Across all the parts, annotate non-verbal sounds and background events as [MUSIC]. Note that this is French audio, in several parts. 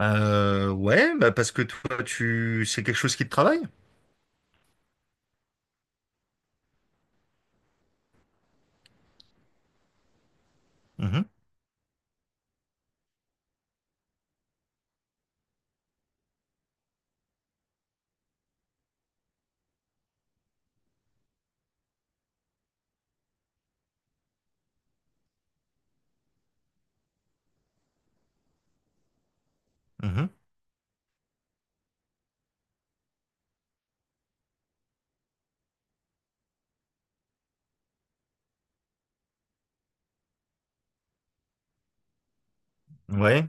Ouais, bah parce que toi, c'est quelque chose qui te travaille? Mhm, mhm, ouais.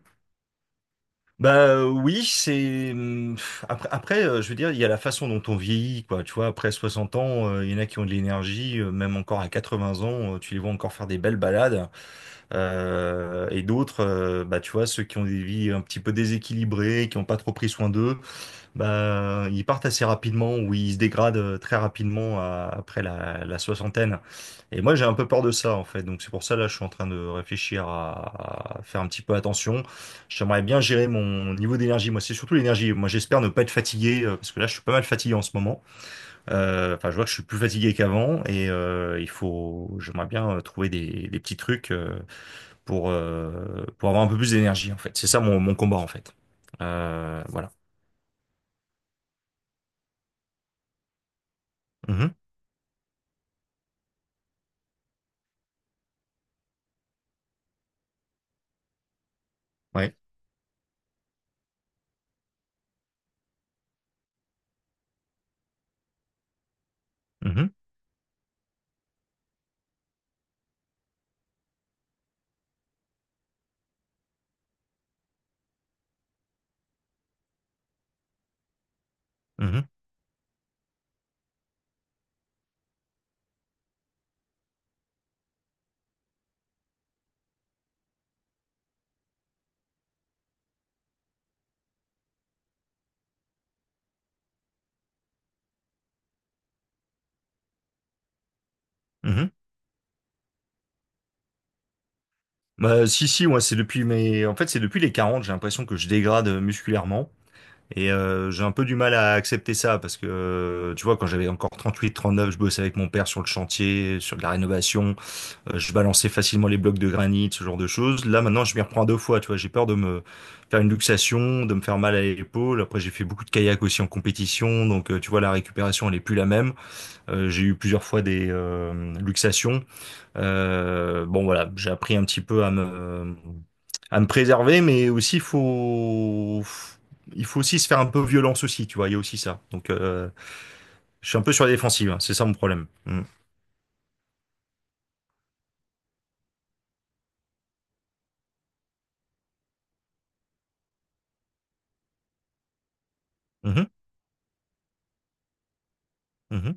Bah, oui, c'est après, je veux dire, il y a la façon dont on vieillit, quoi. Tu vois, après 60 ans, il y en a qui ont de l'énergie, même encore à 80 ans, tu les vois encore faire des belles balades. Et d'autres, bah tu vois, ceux qui ont des vies un petit peu déséquilibrées, qui n'ont pas trop pris soin d'eux. Ben, ils partent assez rapidement ou ils se dégradent très rapidement après la soixantaine. Et moi, j'ai un peu peur de ça, en fait. Donc, c'est pour ça, là, je suis en train de réfléchir à faire un petit peu attention. J'aimerais bien gérer mon niveau d'énergie. Moi, c'est surtout l'énergie. Moi, j'espère ne pas être fatigué, parce que là, je suis pas mal fatigué en ce moment. Enfin, je vois que je suis plus fatigué qu'avant. Et j'aimerais bien trouver des petits trucs pour avoir un peu plus d'énergie, en fait. C'est ça mon combat, en fait. Voilà. Mhm. Ouais. Mhm. Mhm, mhm. Bah, si, si, moi, c'est depuis mes... En fait, c'est depuis les 40, j'ai l'impression que je dégrade musculairement. Et j'ai un peu du mal à accepter ça parce que, tu vois, quand j'avais encore 38 39, je bossais avec mon père sur le chantier, sur de la rénovation, je balançais facilement les blocs de granit, ce genre de choses. Là, maintenant, je m'y reprends à deux fois, tu vois, j'ai peur de me faire une luxation, de me faire mal à l'épaule. Après, j'ai fait beaucoup de kayak aussi en compétition, donc, tu vois, la récupération, elle est plus la même. J'ai eu plusieurs fois des luxations. Bon voilà, j'ai appris un petit peu à me préserver, mais aussi faut il faut aussi se faire un peu violence aussi, tu vois. Il y a aussi ça. Donc je suis un peu sur la défensive, hein, c'est ça mon problème. Mm. Mhm, mhm,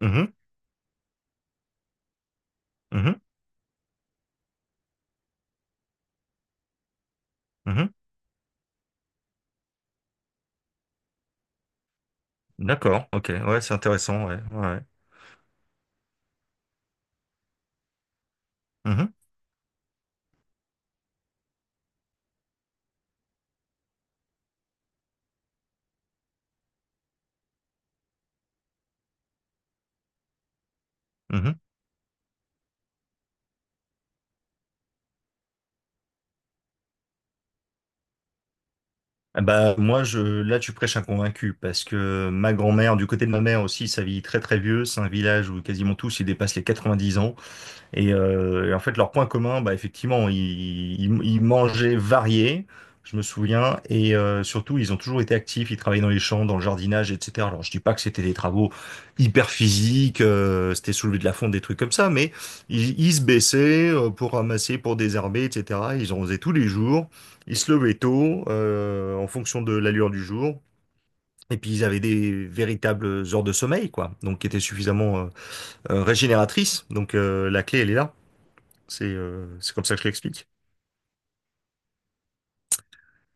mhm, mhm, mhm. D'accord, ok, ouais, c'est intéressant, ouais, ouais. Mhm, mhm. Eh ben, moi je là tu prêches un convaincu parce que ma grand-mère du côté de ma mère aussi ça vit très très vieux, c'est un village où quasiment tous ils dépassent les 90 ans. Et en fait, leur point commun, bah, effectivement, ils mangeaient variés, je me souviens, et surtout, ils ont toujours été actifs, ils travaillaient dans les champs, dans le jardinage, etc. Alors, je dis pas que c'était des travaux hyper physiques, c'était soulever de la fonte, des trucs comme ça, mais ils se baissaient pour ramasser, pour désherber, etc. Ils en faisaient tous les jours, ils se levaient tôt, en fonction de l'allure du jour. Et puis ils avaient des véritables heures de sommeil, quoi, donc qui étaient suffisamment régénératrices. Donc la clé, elle est là. C'est comme ça que je l'explique.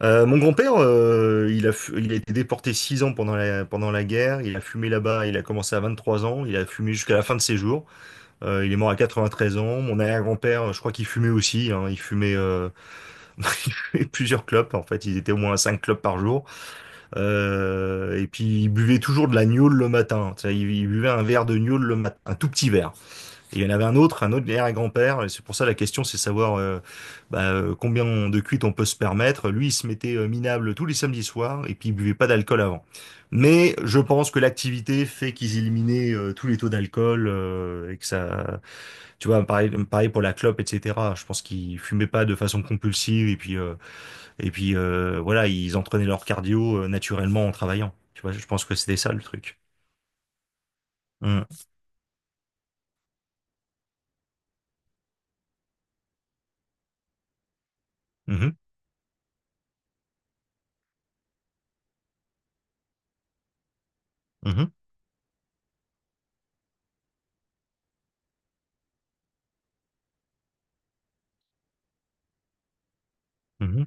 Mon grand-père, il a été déporté 6 ans pendant la guerre. Il a fumé là-bas, il a commencé à 23 ans. Il a fumé jusqu'à la fin de ses jours. Il est mort à 93 ans. Mon arrière-grand-père, je crois qu'il fumait aussi, hein. Il fumait, [LAUGHS] il fumait plusieurs clopes. En fait, il était au moins à 5 clopes par jour. Et puis, il buvait toujours de la gnôle le matin. Tu sais, il buvait un verre de gnôle le matin, un tout petit verre. Et il y en avait un autre, arrière-grand-père, et c'est pour ça la question c'est savoir bah, combien de cuites on peut se permettre. Lui, il se mettait minable tous les samedis soirs, et puis il buvait pas d'alcool avant. Mais je pense que l'activité fait qu'ils éliminaient tous les taux d'alcool, et que ça... Tu vois, pareil, pareil pour la clope, etc. Je pense qu'ils fumaient pas de façon compulsive, et puis voilà, ils entraînaient leur cardio naturellement en travaillant. Tu vois, je pense que c'était ça le truc. Mhm. Mhm. Mhm. Mhm.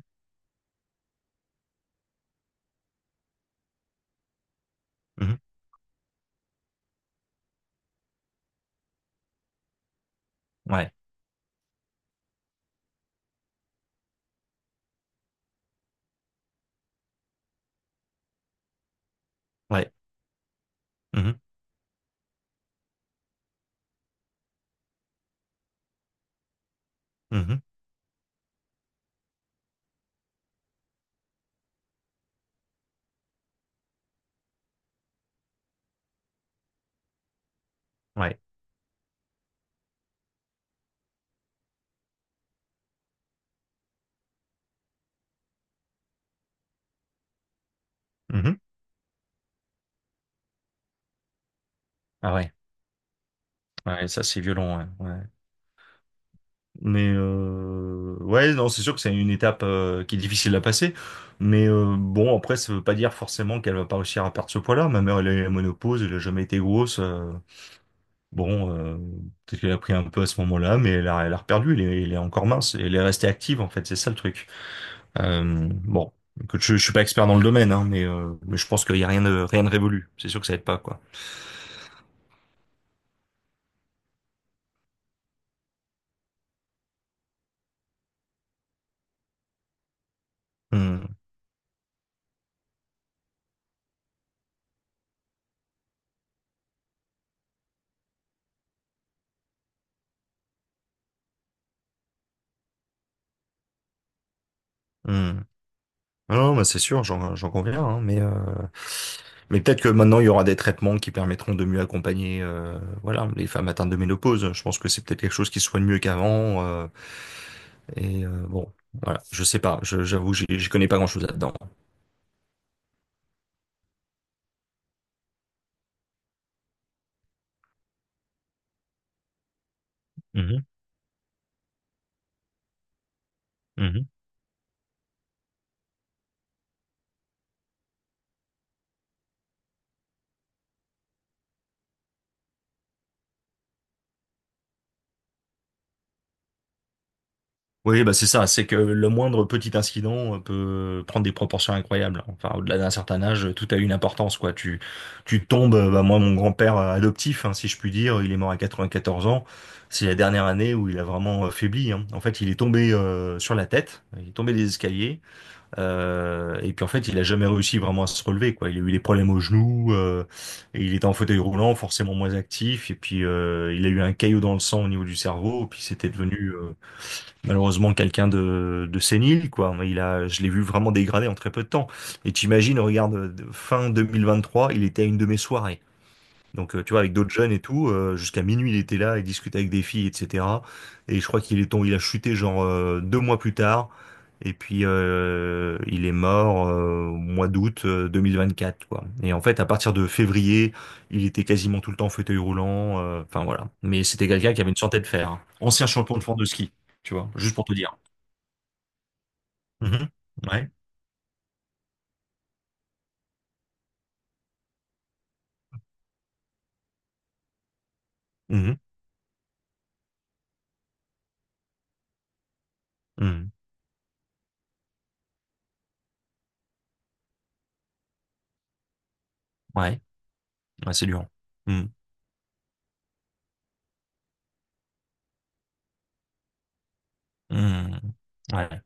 Mhm. Ouais. Ouais. Mhm. Mmh. Ouais. Mmh. Ah ouais. Ouais, ça, c'est violent, ouais, ouais. Mais ouais, non, c'est sûr que c'est une étape, qui est difficile à passer. Mais bon, après, ça veut pas dire forcément qu'elle va pas réussir à perdre ce poids-là. Ma mère, elle a eu la ménopause, elle a jamais été grosse, bon, peut-être qu'elle a pris un peu à ce moment-là, mais elle a reperdu, elle est encore mince. Elle est restée active, en fait, c'est ça le truc. Bon, écoute, je suis pas expert dans le domaine, hein, mais je pense qu'il y a rien de révolu. C'est sûr que ça aide pas, quoi. Mmh. Mmh. Ah non, bah c'est sûr, j'en conviens, hein, mais peut-être que maintenant il y aura des traitements qui permettront de mieux accompagner voilà les femmes atteintes de ménopause. Je pense que c'est peut-être quelque chose qui se soigne mieux qu'avant. Et bon, voilà, je sais pas, j'avoue, j'y connais pas grand-chose là-dedans. Mhm, mhm. Oui, bah c'est ça, c'est que le moindre petit incident peut prendre des proportions incroyables. Enfin, au-delà d'un certain âge, tout a une importance, quoi. Tu tombes, bah moi, mon grand-père adoptif, hein, si je puis dire, il est mort à 94 ans. C'est la dernière année où il a vraiment faibli, hein. En fait, il est tombé sur la tête, il est tombé des escaliers, et puis en fait, il a jamais réussi vraiment à se relever, quoi. Il a eu des problèmes aux genoux, et il était en fauteuil roulant, forcément moins actif, et puis il a eu un caillot dans le sang au niveau du cerveau, et puis c'était devenu malheureusement quelqu'un de sénile, quoi. Je l'ai vu vraiment dégradé en très peu de temps. Et t'imagines, regarde, fin 2023, il était à une de mes soirées. Donc, tu vois, avec d'autres jeunes et tout, jusqu'à minuit, il était là, il discutait avec des filles, etc. Et je crois qu'il est tombé, il a chuté genre 2 mois plus tard. Et puis, il est mort au mois d'août 2024, quoi. Et en fait, à partir de février, il était quasiment tout le temps en fauteuil roulant. Enfin, voilà. Mais c'était quelqu'un qui avait une santé de fer, hein. Ancien champion de France de ski, tu vois, juste pour te dire. Mhm. Ouais. Mhm. Mhm. Ouais. Ouais, c'est dur. Mhm. Mhm. Ouais.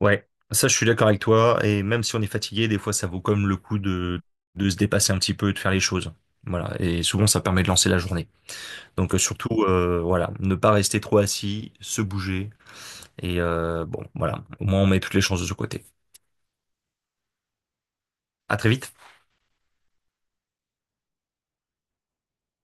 Ouais, ça je suis d'accord avec toi, et même si on est fatigué, des fois ça vaut comme le coup de se dépasser un petit peu et de faire les choses. Voilà, et souvent ça permet de lancer la journée. Donc surtout, voilà, ne pas rester trop assis, se bouger, et bon, voilà, au moins on met toutes les chances de ce côté. À très vite.